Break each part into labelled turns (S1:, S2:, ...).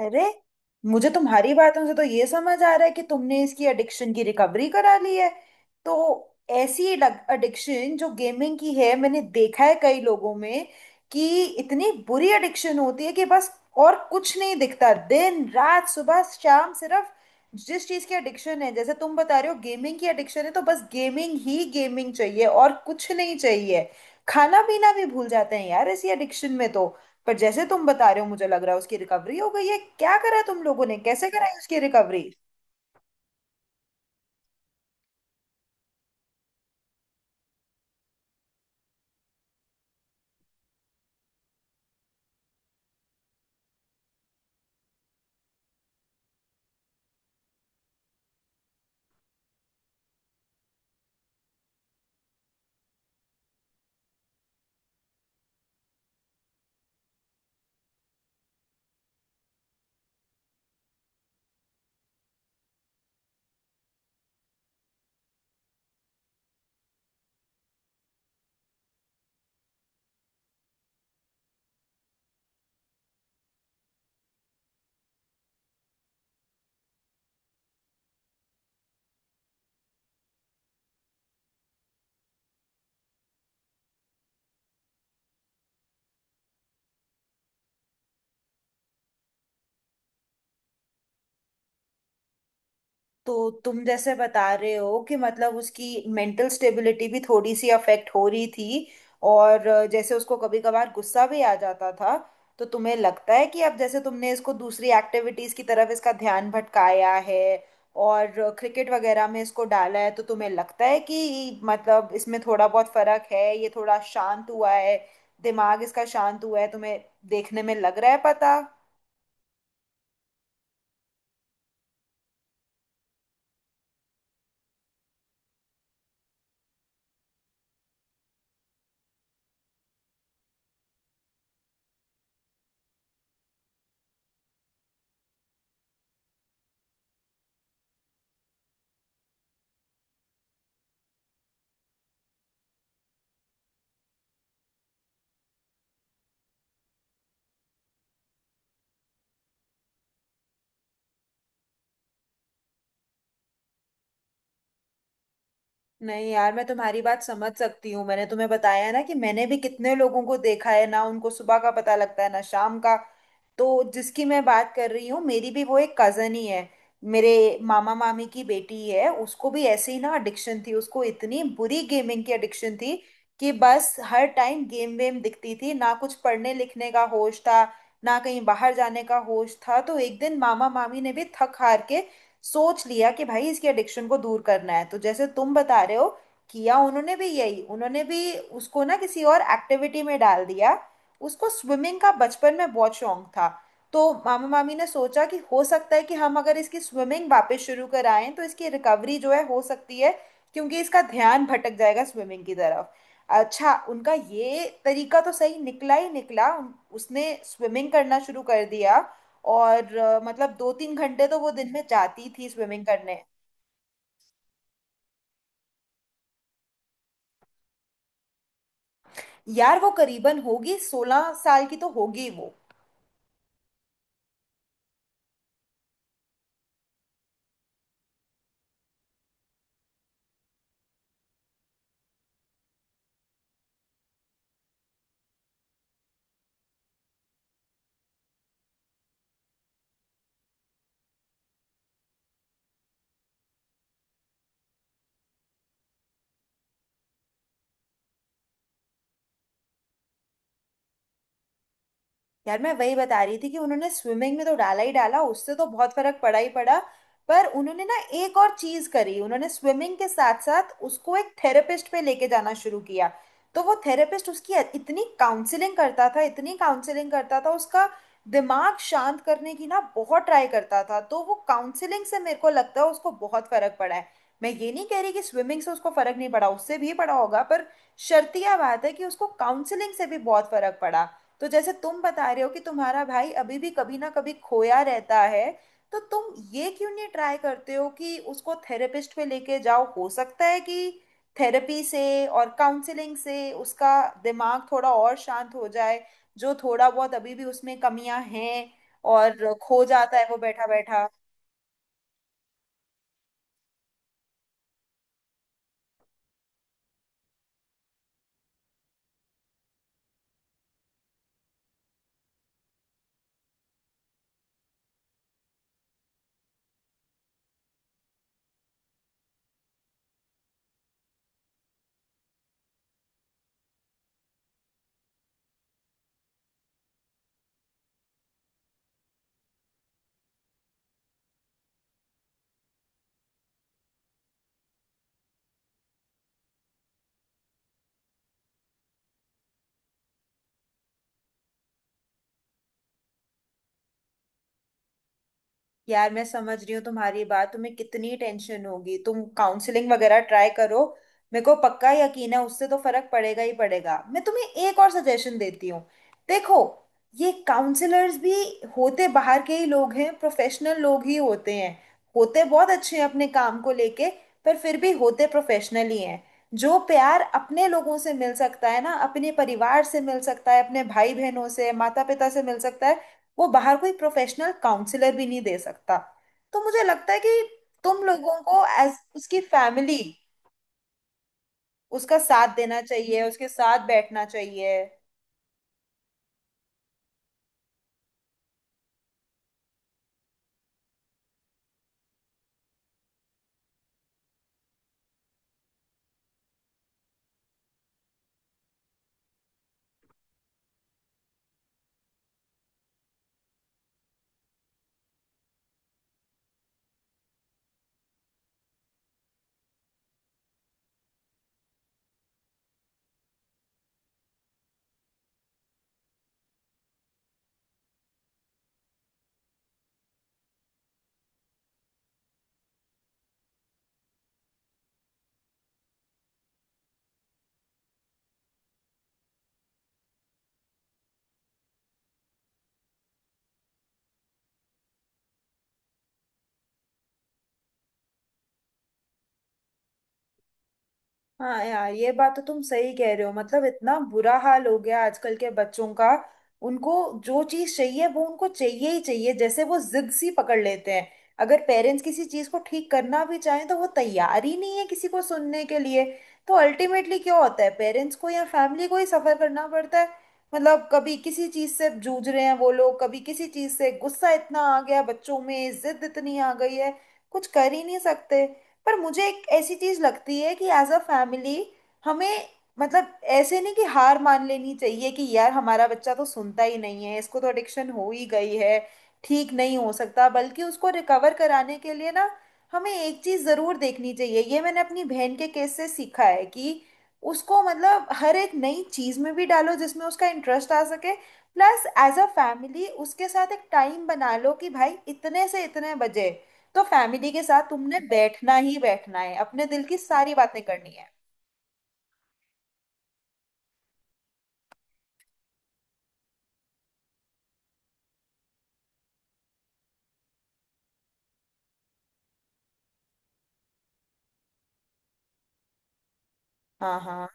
S1: अरे मुझे तुम्हारी बातों से तो ये समझ आ रहा है कि तुमने इसकी एडिक्शन की रिकवरी करा ली है। तो ऐसी एडिक्शन जो गेमिंग की है मैंने देखा है कई लोगों में कि इतनी बुरी एडिक्शन होती है कि बस और कुछ नहीं दिखता, दिन रात सुबह शाम सिर्फ जिस चीज की एडिक्शन है, जैसे तुम बता रहे हो गेमिंग की एडिक्शन है तो बस गेमिंग ही गेमिंग चाहिए, और कुछ नहीं चाहिए। खाना पीना भी भूल जाते हैं यार ऐसी एडिक्शन में तो। पर जैसे तुम बता रहे हो मुझे लग रहा है उसकी रिकवरी हो गई है। क्या करा तुम लोगों ने, कैसे कराई उसकी रिकवरी? तो तुम जैसे बता रहे हो कि मतलब उसकी मेंटल स्टेबिलिटी भी थोड़ी सी अफेक्ट हो रही थी, और जैसे उसको कभी कभार गुस्सा भी आ जाता था। तो तुम्हें लगता है कि अब जैसे तुमने इसको दूसरी एक्टिविटीज की तरफ इसका ध्यान भटकाया है, और क्रिकेट वगैरह में इसको डाला है तो तुम्हें लगता है कि मतलब इसमें थोड़ा बहुत फर्क है, ये थोड़ा शांत हुआ है, दिमाग इसका शांत हुआ है तुम्हें देखने में लग रहा है, पता नहीं। यार मैं तुम्हारी बात समझ सकती हूँ। मैंने तुम्हें बताया ना कि मैंने भी कितने लोगों को देखा है ना, उनको सुबह का पता लगता है ना शाम का। तो जिसकी मैं बात कर रही हूँ मेरी भी वो एक कजन ही है, मेरे मामा मामी की बेटी है। उसको भी ऐसे ही ना एडिक्शन थी, उसको इतनी बुरी गेमिंग की एडिक्शन थी कि बस हर टाइम गेम वेम दिखती थी, ना कुछ पढ़ने लिखने का होश था ना कहीं बाहर जाने का होश था। तो एक दिन मामा मामी ने भी थक हार के सोच लिया कि भाई इसकी एडिक्शन को दूर करना है। तो जैसे तुम बता रहे हो किया उन्होंने भी यही, उन्होंने भी उसको ना किसी और एक्टिविटी में डाल दिया। उसको स्विमिंग का बचपन में बहुत शौक था, तो मामा मामी ने सोचा कि हो सकता है कि हम अगर इसकी स्विमिंग वापस शुरू कराएं तो इसकी रिकवरी जो है हो सकती है, क्योंकि इसका ध्यान भटक जाएगा स्विमिंग की तरफ। अच्छा, उनका ये तरीका तो सही निकला ही निकला। उसने स्विमिंग करना शुरू कर दिया, और मतलब दो तीन घंटे तो वो दिन में जाती थी स्विमिंग करने। यार वो करीबन होगी 16 साल की तो होगी वो। यार मैं वही बता रही थी कि उन्होंने स्विमिंग में तो डाला ही डाला, उससे तो बहुत फर्क पड़ा ही पड़ा। पर उन्होंने ना एक और चीज करी, उन्होंने स्विमिंग के साथ साथ उसको एक थेरेपिस्ट पे लेके जाना शुरू किया। तो वो थेरेपिस्ट उसकी इतनी काउंसलिंग करता था, इतनी काउंसलिंग करता था, उसका दिमाग शांत करने की ना बहुत ट्राई करता था। तो वो काउंसलिंग से मेरे को लगता है उसको बहुत फर्क पड़ा है। मैं ये नहीं कह रही कि स्विमिंग से उसको फर्क नहीं पड़ा, उससे भी पड़ा होगा, पर शर्त यह बात है कि उसको काउंसलिंग से भी बहुत फर्क पड़ा। तो जैसे तुम बता रहे हो कि तुम्हारा भाई अभी भी कभी ना कभी खोया रहता है, तो तुम ये क्यों नहीं ट्राई करते हो कि उसको थेरेपिस्ट पे लेके जाओ। हो सकता है कि थेरेपी से और काउंसलिंग से उसका दिमाग थोड़ा और शांत हो जाए, जो थोड़ा बहुत अभी भी उसमें कमियां हैं और खो जाता है वो बैठा बैठा। यार मैं समझ रही हूँ तुम्हारी बात, तुम्हें कितनी टेंशन होगी। तुम काउंसलिंग वगैरह ट्राई करो, मेरे को पक्का यकीन है उससे तो फर्क पड़ेगा ही पड़ेगा। मैं तुम्हें एक और सजेशन देती हूँ, देखो, ये काउंसलर्स भी होते बाहर के ही लोग हैं, प्रोफेशनल लोग ही होते हैं। होते बहुत अच्छे हैं अपने काम को लेके, पर फिर भी होते प्रोफेशनल ही हैं। जो प्यार अपने लोगों से मिल सकता है ना, अपने परिवार से मिल सकता है, अपने भाई बहनों से, माता पिता से मिल सकता है, वो बाहर कोई प्रोफेशनल काउंसलर भी नहीं दे सकता। तो मुझे लगता है कि तुम लोगों को एज उसकी फैमिली उसका साथ देना चाहिए, उसके साथ बैठना चाहिए। हाँ यार ये बात तो तुम सही कह रहे हो, मतलब इतना बुरा हाल हो गया आजकल के बच्चों का। उनको जो चीज चाहिए वो उनको चाहिए ही चाहिए, जैसे वो जिद सी पकड़ लेते हैं। अगर पेरेंट्स किसी चीज को ठीक करना भी चाहें तो वो तैयार ही नहीं है किसी को सुनने के लिए। तो अल्टीमेटली क्या होता है, पेरेंट्स को या फैमिली को ही सफर करना पड़ता है। मतलब कभी किसी चीज से जूझ रहे हैं वो लोग, कभी किसी चीज से गुस्सा इतना आ गया, बच्चों में जिद इतनी आ गई है कुछ कर ही नहीं सकते। पर मुझे एक ऐसी चीज लगती है कि एज अ फैमिली हमें, मतलब ऐसे नहीं कि हार मान लेनी चाहिए कि यार हमारा बच्चा तो सुनता ही नहीं है, इसको तो एडिक्शन हो ही गई है, ठीक नहीं हो सकता। बल्कि उसको रिकवर कराने के लिए ना हमें एक चीज जरूर देखनी चाहिए, ये मैंने अपनी बहन के केस से सीखा है, कि उसको मतलब हर एक नई चीज में भी डालो जिसमें उसका इंटरेस्ट आ सके। प्लस एज अ फैमिली उसके साथ एक टाइम बना लो कि भाई इतने से इतने बजे तो फैमिली के साथ तुमने बैठना ही बैठना है, अपने दिल की सारी बातें करनी है। हाँ हाँ।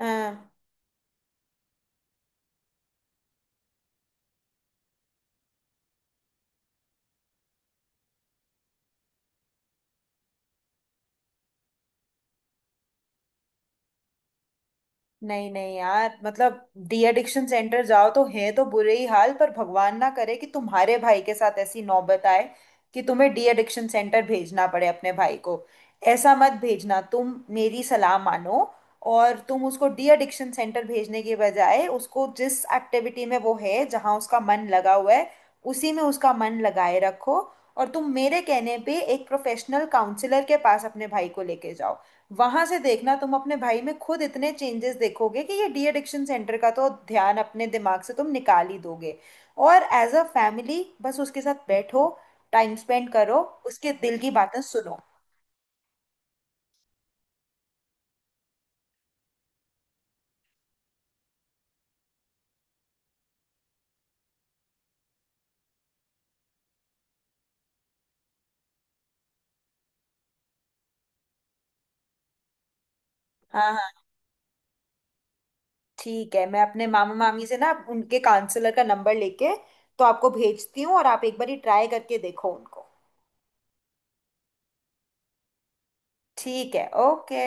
S1: हाँ नहीं नहीं, यार मतलब डी एडिक्शन सेंटर जाओ तो है तो बुरे ही हाल, पर भगवान ना करे कि तुम्हारे भाई के साथ ऐसी नौबत आए कि तुम्हें डी एडिक्शन सेंटर भेजना पड़े अपने भाई को। ऐसा मत भेजना, तुम मेरी सलाह मानो, और तुम उसको डी एडिक्शन सेंटर भेजने के बजाय उसको जिस एक्टिविटी में वो है, जहाँ उसका मन लगा हुआ है उसी में उसका मन लगाए रखो। और तुम मेरे कहने पे एक प्रोफेशनल काउंसलर के पास अपने भाई को लेके जाओ, वहां से देखना तुम अपने भाई में खुद इतने चेंजेस देखोगे कि ये डी एडिक्शन सेंटर का तो ध्यान अपने दिमाग से तुम निकाल ही दोगे। और एज अ फैमिली बस उसके साथ बैठो, टाइम स्पेंड करो, उसके दिल की बातें सुनो। हाँ हाँ ठीक है, मैं अपने मामा मामी से ना उनके काउंसलर का नंबर लेके तो आपको भेजती हूँ, और आप एक बार ही ट्राई करके देखो उनको। ठीक है, ओके।